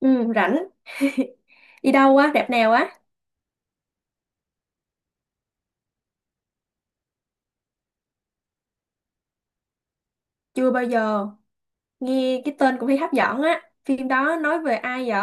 Ừ, rảnh. Đi đâu á, rạp nào á? Chưa bao giờ. Nghe cái tên cũng thấy hấp dẫn á. Phim đó nói về ai vậy?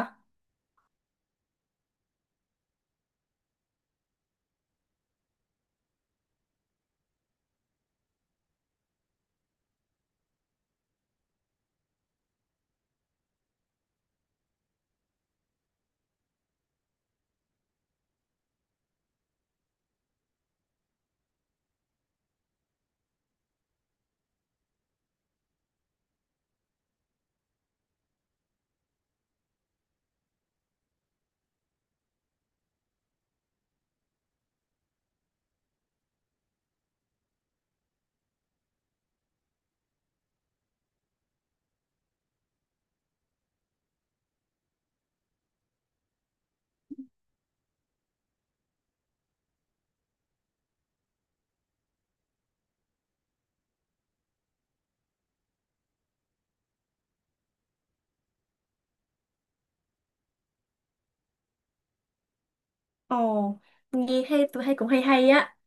Ồ, nghe hay, tôi hay cũng hay hay á.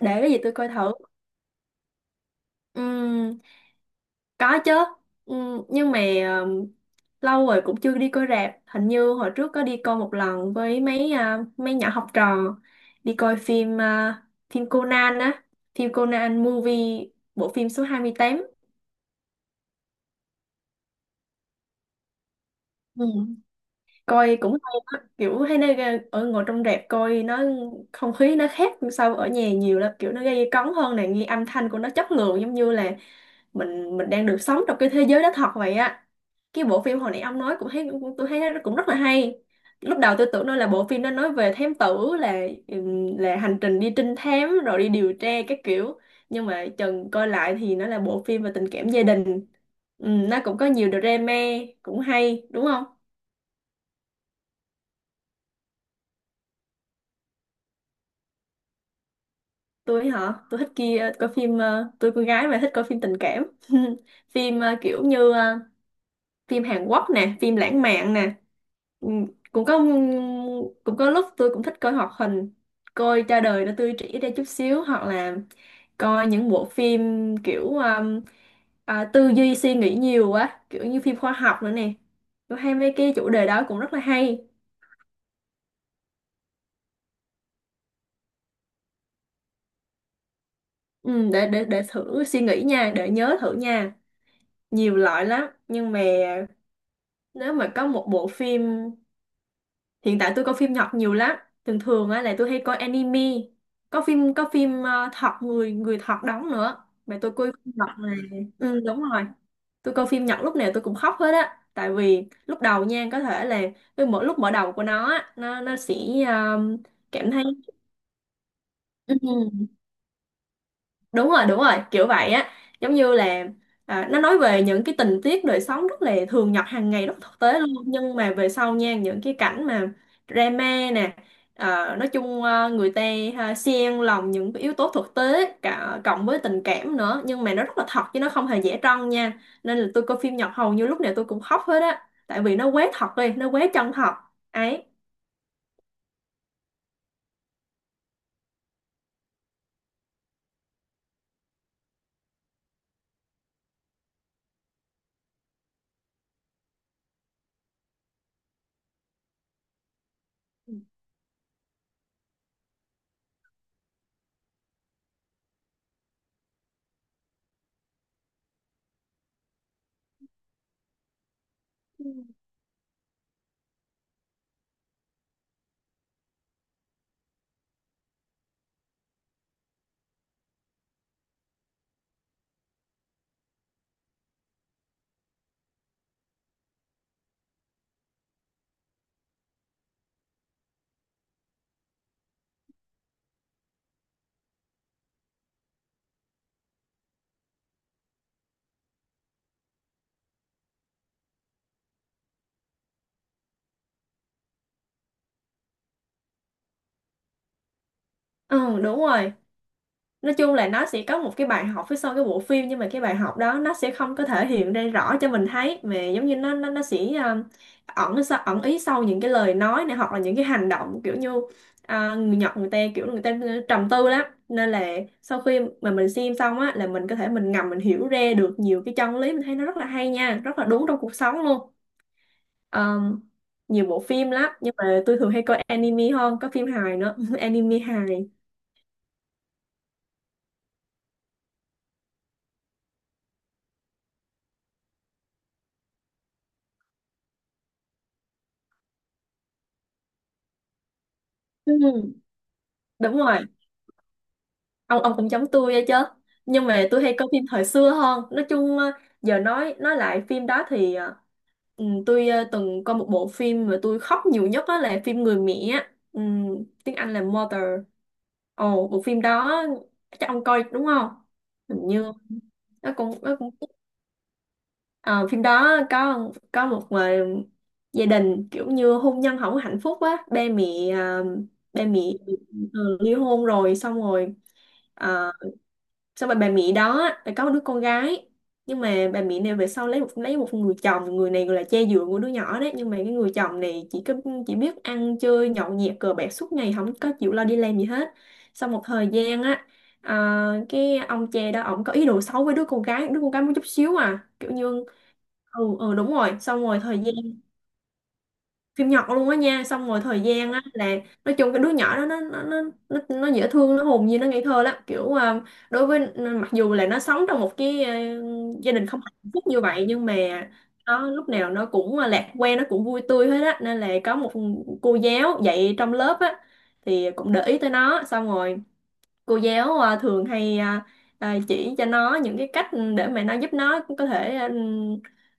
Để cái gì tôi coi thử. Ừm, có chứ. Nhưng mà ừm, lâu rồi cũng chưa đi coi rạp. Hình như hồi trước có đi coi một lần với mấy nhỏ học trò, đi coi phim Conan á, phim Conan movie, bộ phim số 28. Ừ, coi cũng hay đó. Kiểu hay, ở ngồi trong rạp coi, nó không khí nó khác so ở nhà nhiều lắm, kiểu nó gây cấn hơn, này nghe âm thanh của nó chất lượng giống như là mình đang được sống trong cái thế giới đó thật vậy á. Cái bộ phim hồi nãy ông nói cũng thấy tôi thấy nó cũng rất là hay. Lúc đầu tôi tưởng nó là bộ phim nó nói về thám tử, là hành trình đi trinh thám rồi đi điều tra các kiểu, nhưng mà chừng coi lại thì nó là bộ phim về tình cảm gia đình. Nó cũng có nhiều drama, cũng hay đúng không. Tôi hả, tôi thích kia coi phim, tôi con gái mà, thích coi phim tình cảm. Phim, kiểu như, phim Hàn Quốc nè, phim lãng mạn nè. Ừ, cũng có ừ, cũng có lúc tôi cũng thích coi hoạt hình, coi cho đời nó tươi trẻ ra chút xíu, hoặc là coi những bộ phim kiểu tư duy suy nghĩ nhiều quá, kiểu như phim khoa học nữa nè. Tôi hay mấy cái chủ đề đó cũng rất là hay. Ừ, để thử suy nghĩ nha, để nhớ thử nha. Nhiều loại lắm, nhưng mà nếu mà có một bộ phim, hiện tại tôi coi phim Nhật nhiều lắm. Thường thường á là tôi hay coi anime. Có phim thật, người người thật đóng nữa. Mà tôi coi phim Nhật này. Ừ, đúng rồi. Tôi coi phim Nhật lúc nào tôi cũng khóc hết á. Tại vì lúc đầu nha, có thể là cái mỗi lúc mở đầu của nó á, nó sẽ, ờ, cảm thấy. Ừ. Đúng rồi đúng rồi, kiểu vậy á, giống như là, nó nói về những cái tình tiết đời sống rất là thường nhật hàng ngày, rất thực tế luôn, nhưng mà về sau nha, những cái cảnh mà drama nè, nói chung, người ta, xen lòng những cái yếu tố thực tế, cả cộng với tình cảm nữa, nhưng mà nó rất là thật chứ, nó không hề giả trân nha. Nên là tôi coi phim Nhật hầu như lúc nào tôi cũng khóc hết á, tại vì nó quá thật đi, nó quá chân thật ấy. Ừ, ừ đúng rồi. Nói chung là nó sẽ có một cái bài học phía sau cái bộ phim, nhưng mà cái bài học đó nó sẽ không có thể hiện ra rõ cho mình thấy, mà giống như nó sẽ, ẩn ý sau những cái lời nói này, hoặc là những cái hành động, kiểu như, người Nhật người ta kiểu người ta, trầm tư lắm, nên là sau khi mà mình xem xong á, là mình có thể mình ngầm mình hiểu ra được nhiều cái chân lý, mình thấy nó rất là hay nha, rất là đúng trong cuộc sống luôn. Ờm, Nhiều bộ phim lắm, nhưng mà tôi thường hay coi anime hơn, có phim hài nữa. Anime hài. Ừ, đúng rồi, ông cũng giống tôi vậy chứ, nhưng mà tôi hay coi phim thời xưa hơn. Nói chung, giờ nói lại phim đó thì, tôi, từng coi một bộ phim mà tôi khóc nhiều nhất, đó là phim Người Mẹ á. Ừ, tiếng Anh là Mother. Ồ, bộ phim đó chắc ông coi đúng không? Hình như nó cũng, Ờ, phim đó có một, gia đình kiểu như hôn nhân không có hạnh phúc á, ba mẹ ờ, ba mẹ, ly hôn rồi. Xong rồi, ờ, xong rồi bà Mỹ đó á, là có một đứa con gái, nhưng mà bà Mỹ này về sau lấy một người chồng, người này gọi là cha dượng của đứa nhỏ đấy, nhưng mà cái người chồng này chỉ biết ăn chơi nhậu nhẹt cờ bạc suốt ngày, không có chịu lo đi làm gì hết. Sau một thời gian á, cái ông cha đó ổng có ý đồ xấu với đứa con gái một chút xíu, à kiểu như. Ừ ừ đúng rồi, xong rồi thời gian, phim Nhật luôn á nha, xong rồi thời gian á là, nói chung cái đứa nhỏ đó nó dễ thương, nó hồn nhiên, nó ngây thơ lắm, kiểu, đối với, mặc dù là nó sống trong một cái, gia đình không hạnh phúc như vậy, nhưng mà nó lúc nào nó cũng, lạc quan, nó cũng vui tươi hết á. Nên là có một cô giáo dạy trong lớp á, thì cũng để ý tới nó, xong rồi cô giáo, thường hay, chỉ cho nó những cái cách để mà nó giúp nó có thể,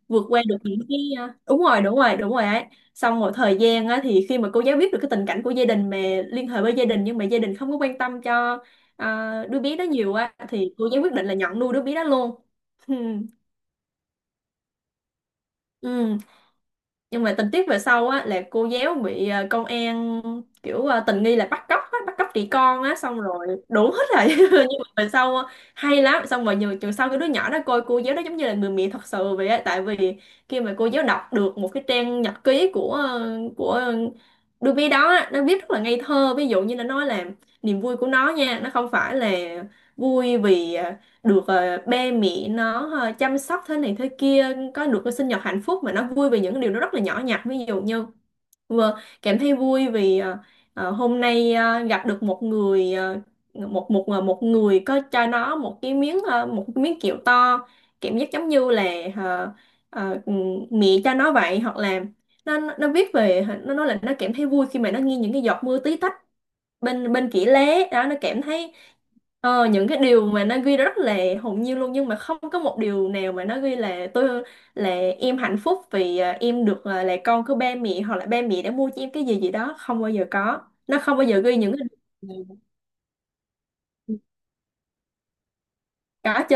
vượt qua được những cái, đúng rồi đúng rồi đúng rồi ấy. Xong rồi thời gian á, thì khi mà cô giáo biết được cái tình cảnh của gia đình, mà liên hệ với gia đình, nhưng mà gia đình không có quan tâm cho, đứa bé đó nhiều á, thì cô giáo quyết định là nhận nuôi đứa bé đó luôn. Ừ. Nhưng mà tình tiết về sau á, là cô giáo bị, công an kiểu, tình nghi là bắt cóc á, bắt cóc trẻ con á, xong rồi đủ hết rồi. Nhưng mà về sau, hay lắm. Xong rồi nhiều trường sau, cái đứa nhỏ đó coi cô giáo đó giống như là người mẹ thật sự vậy á, tại vì khi mà cô giáo đọc được một cái trang nhật ký của đứa bé đó á, nó viết rất là ngây thơ, ví dụ như là nói là niềm vui của nó nha, nó không phải là vui vì, được, ba mẹ nó, chăm sóc thế này thế kia, có được cái sinh nhật hạnh phúc, mà nó vui về những cái điều nó rất là nhỏ nhặt, ví dụ như vừa cảm thấy vui vì, hôm nay, gặp được một người có cho nó một cái miếng kẹo to, cảm giác giống như là, ờ, ờ, mẹ cho nó vậy. Hoặc là nó viết về, nó nói là nó cảm thấy vui khi mà nó nghe những cái giọt mưa tí tách bên bên kỹ lế đó, nó cảm thấy, những cái điều mà nó ghi rất là hồn nhiên luôn, nhưng mà không có một điều nào mà nó ghi là tôi là em hạnh phúc vì, em được, là con của ba mẹ, hoặc là ba mẹ đã mua cho em cái gì gì đó, không bao giờ có, nó không bao giờ ghi những cái điều này. Có chứ.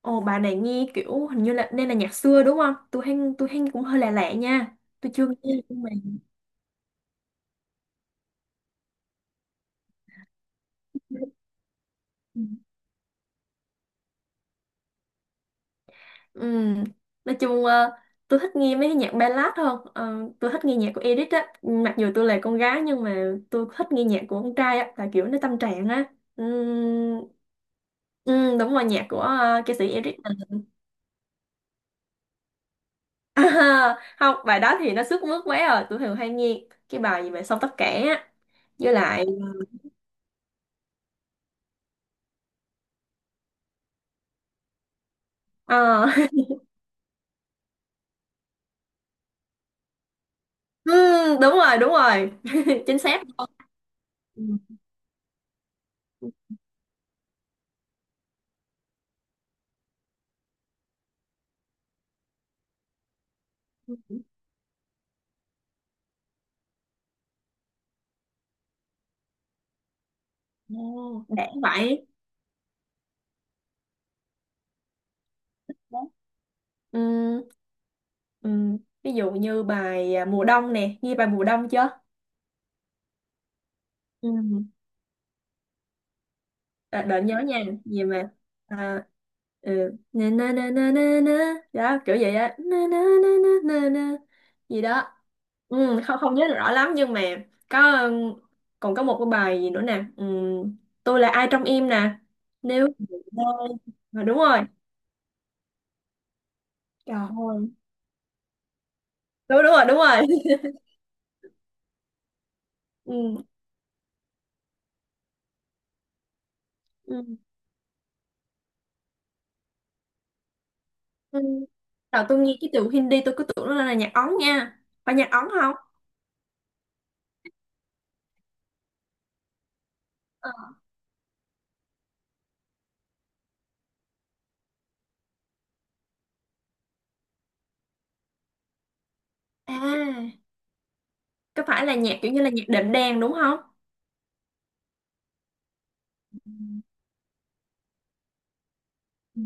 Ồ, bà này nghe kiểu hình như là nên là nhạc xưa đúng không? Tôi hay cũng hơi lạ lạ nha. Tôi chưa nghe nhưng mà. Ừm, Nói chung, tôi thích nghe mấy cái nhạc ballad hơn. Ờ, tôi thích nghe nhạc của Edith á, mặc dù tôi là con gái nhưng mà tôi thích nghe nhạc của con trai á, là kiểu nó tâm trạng á. Ừm, đúng rồi, nhạc của, ca sĩ Edith không, bài đó thì nó sức mướt quá rồi. Tôi thường hay nghe cái bài gì mà xong tất cả á, với lại, ờ, đúng rồi đúng rồi. Chính xác. Ừ. Ồ, để vậy. Ừ. Ừ. Ví dụ như bài, mùa đông nè, nghe bài mùa đông chưa? Ừ. À, đợi nhớ nha, gì mà, à, ừ. Na na na na na na đó, kiểu vậy á, na na na na na na gì đó. Ừ, không không nhớ rõ lắm nhưng mà có, còn có một cái bài gì nữa nè, ừ. Tôi là ai trong em nè, nếu đúng rồi. Trời ơi. Đúng đúng rồi đúng rồi. Ừ. Ừ. Ừ. Đầu tôi nghe cái từ Hindi tôi cứ tưởng nó là nhạc Ấn nha, phải nhạc Ấn không? À, có phải là nhạc kiểu như là nhạc đệm đàn đúng không? Ừ.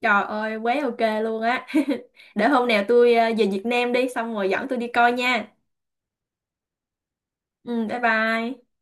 Trời ơi, quá ok luôn á. Để hôm nào tôi, về Việt Nam đi, xong rồi dẫn tôi đi coi nha. Ừ, bye bye.